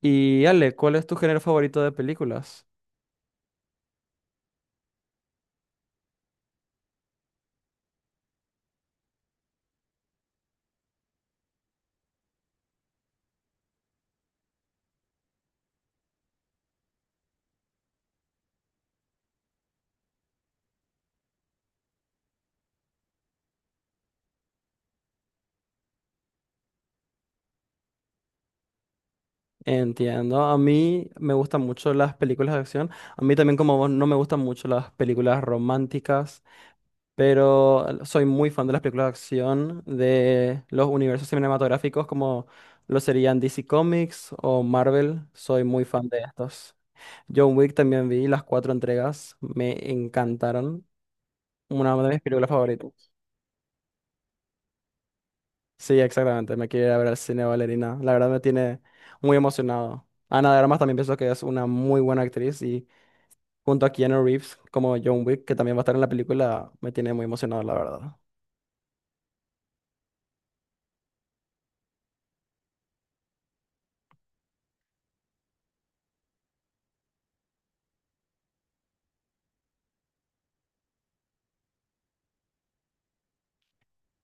Y Ale, ¿cuál es tu género favorito de películas? Entiendo, a mí me gustan mucho las películas de acción. A mí también como vos no me gustan mucho las películas románticas, pero soy muy fan de las películas de acción, de los universos cinematográficos como lo serían DC Comics o Marvel. Soy muy fan de estos. John Wick también vi las cuatro entregas, me encantaron. Una de mis películas favoritas. Sí, exactamente. Me quiero ir a ver al cine Ballerina. La verdad me tiene muy emocionado. Ana de Armas también pienso que es una muy buena actriz y junto a Keanu Reeves como John Wick, que también va a estar en la película, me tiene muy emocionado, la verdad.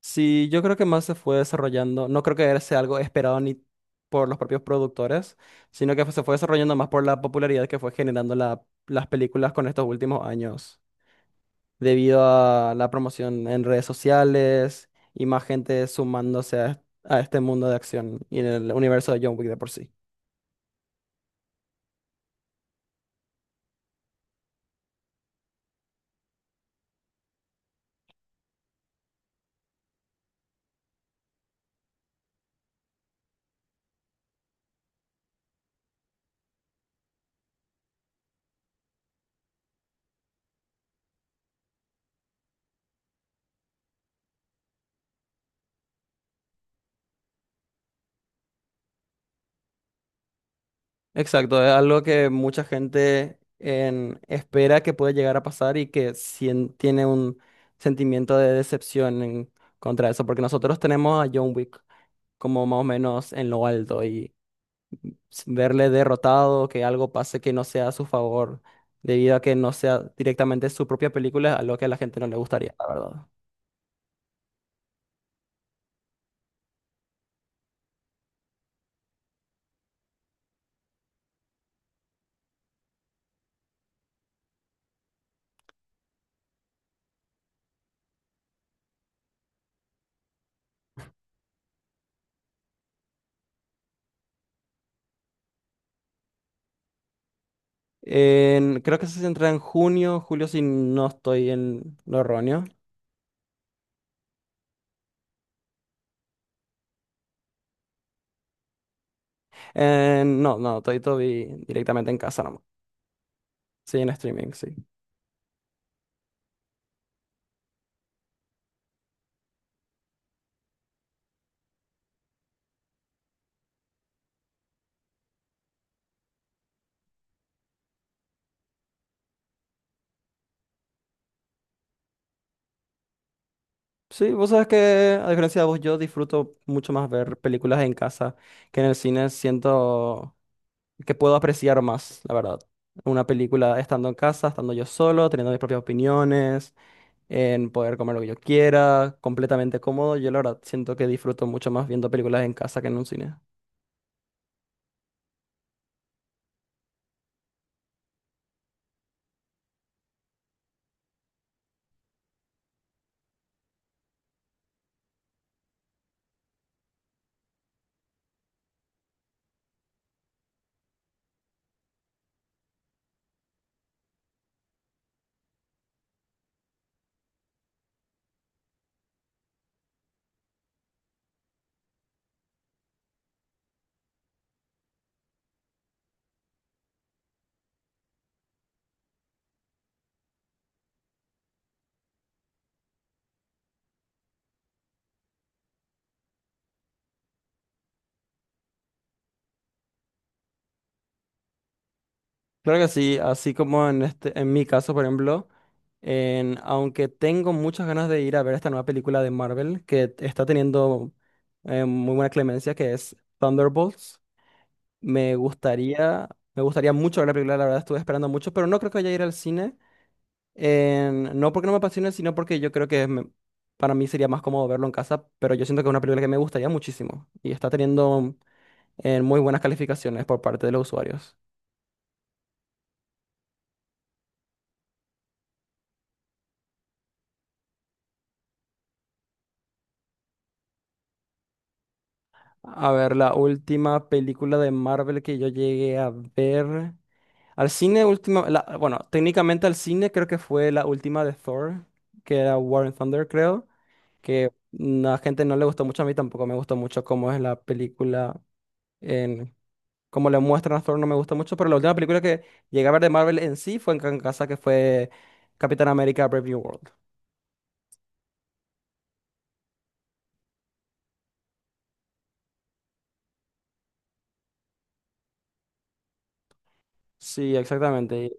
Sí, yo creo que más se fue desarrollando. No creo que sea algo esperado ni por los propios productores, sino que se fue desarrollando más por la popularidad que fue generando las películas con estos últimos años, debido a la promoción en redes sociales y más gente sumándose a este mundo de acción y en el universo de John Wick de por sí. Exacto, es algo que mucha gente espera que puede llegar a pasar y que tiene un sentimiento de decepción contra eso, porque nosotros tenemos a John Wick como más o menos en lo alto y verle derrotado, que algo pase que no sea a su favor, debido a que no sea directamente su propia película, es algo que a la gente no le gustaría, la verdad. Creo que se centra en junio, julio, si no estoy en lo erróneo. No, no, estoy todo vi directamente en casa nomás. Sí, en streaming, sí. Sí, vos sabes que, a diferencia de vos, yo disfruto mucho más ver películas en casa que en el cine. Siento que puedo apreciar más, la verdad. Una película estando en casa, estando yo solo, teniendo mis propias opiniones, en poder comer lo que yo quiera, completamente cómodo. Yo, la verdad, siento que disfruto mucho más viendo películas en casa que en un cine. Claro que sí, así como en este, en mi caso, por ejemplo, en, aunque tengo muchas ganas de ir a ver esta nueva película de Marvel que está teniendo muy buena clemencia, que es Thunderbolts, me gustaría, me gustaría mucho ver la película, la verdad estuve esperando mucho, pero no creo que vaya a ir al cine, no porque no me apasione, sino porque yo creo que para mí sería más cómodo verlo en casa, pero yo siento que es una película que me gustaría muchísimo y está teniendo muy buenas calificaciones por parte de los usuarios. A ver, la última película de Marvel que yo llegué a ver. Al cine, última, bueno, técnicamente al cine creo que fue la última de Thor, que era War and Thunder, creo, que mm, a la gente no le gustó mucho, a mí tampoco me gustó mucho cómo es la película, en, cómo le muestran a Thor no me gusta mucho, pero la última película que llegué a ver de Marvel en sí fue en casa, que fue Capitán América Brave New World. Sí, exactamente.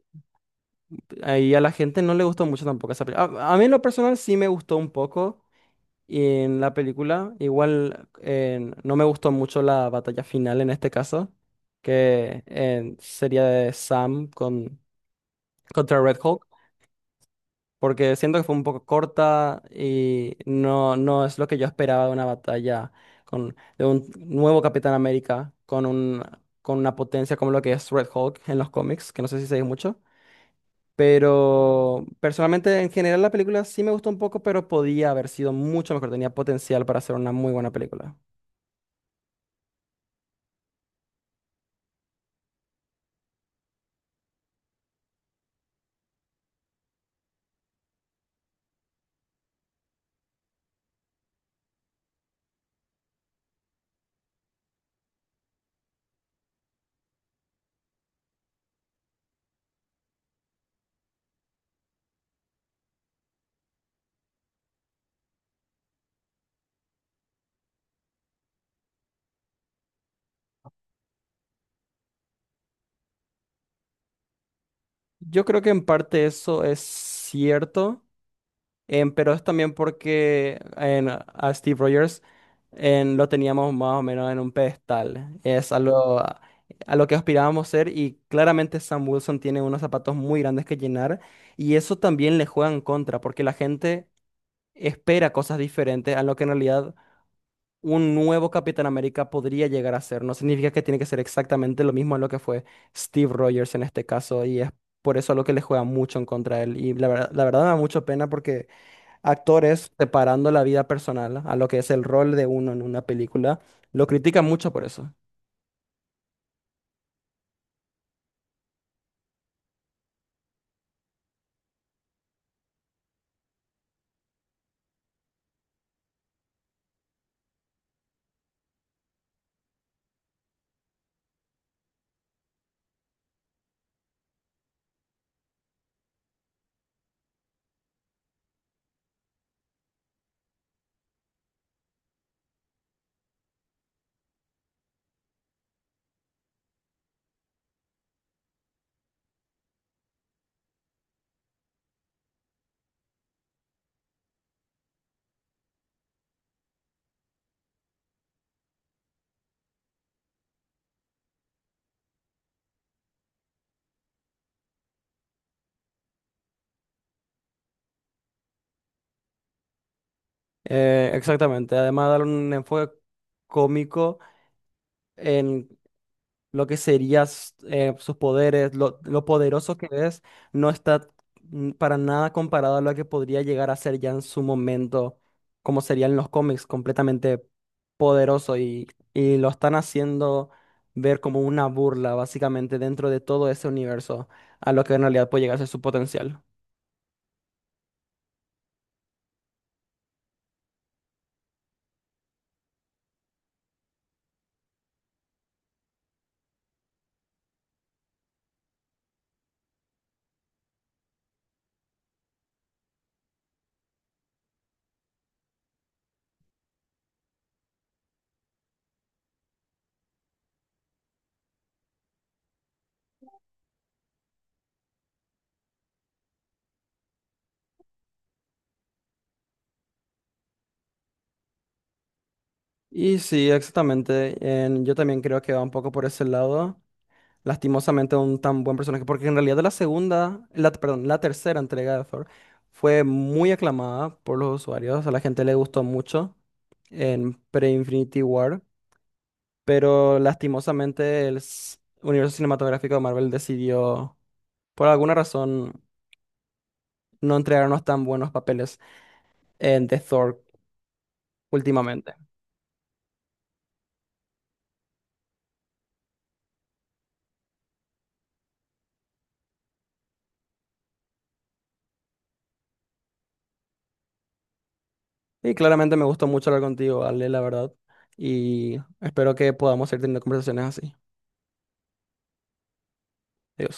Y a la gente no le gustó mucho tampoco esa película. A mí en lo personal sí me gustó un poco en la película. Igual no me gustó mucho la batalla final en este caso, que sería de Sam con, contra Red Hulk, porque siento que fue un poco corta y no, no es lo que yo esperaba de una batalla con, de un nuevo Capitán América con, un, con una potencia como lo que es Red Hulk en los cómics, que no sé si se dice mucho. Pero personalmente en general la película sí me gustó un poco, pero podía haber sido mucho mejor, tenía potencial para ser una muy buena película. Yo creo que en parte eso es cierto, pero es también porque en, a Steve Rogers en, lo teníamos más o menos en un pedestal. Es a lo que aspirábamos ser y claramente Sam Wilson tiene unos zapatos muy grandes que llenar y eso también le juega en contra porque la gente espera cosas diferentes a lo que en realidad un nuevo Capitán América podría llegar a ser. No significa que tiene que ser exactamente lo mismo en lo que fue Steve Rogers en este caso, y es por eso lo que le juega mucho en contra de él. Y la verdad me da mucha pena porque actores separando la vida personal a lo que es el rol de uno en una película, lo critican mucho por eso. Exactamente. Además, dar un enfoque cómico en lo que sería sus poderes, lo poderoso que es, no está para nada comparado a lo que podría llegar a ser ya en su momento, como sería en los cómics, completamente poderoso y lo están haciendo ver como una burla, básicamente, dentro de todo ese universo, a lo que en realidad puede llegar a ser su potencial. Y sí, exactamente, yo también creo que va un poco por ese lado. Lastimosamente un tan buen personaje, porque en realidad la segunda, la, perdón, la tercera entrega de Thor fue muy aclamada por los usuarios, a la gente le gustó mucho en pre-Infinity War, pero lastimosamente el universo cinematográfico de Marvel decidió, por alguna razón, no entregarnos tan buenos papeles en The Thor últimamente. Y claramente me gustó mucho hablar contigo, Ale, la verdad, y espero que podamos ir teniendo conversaciones así. Adiós.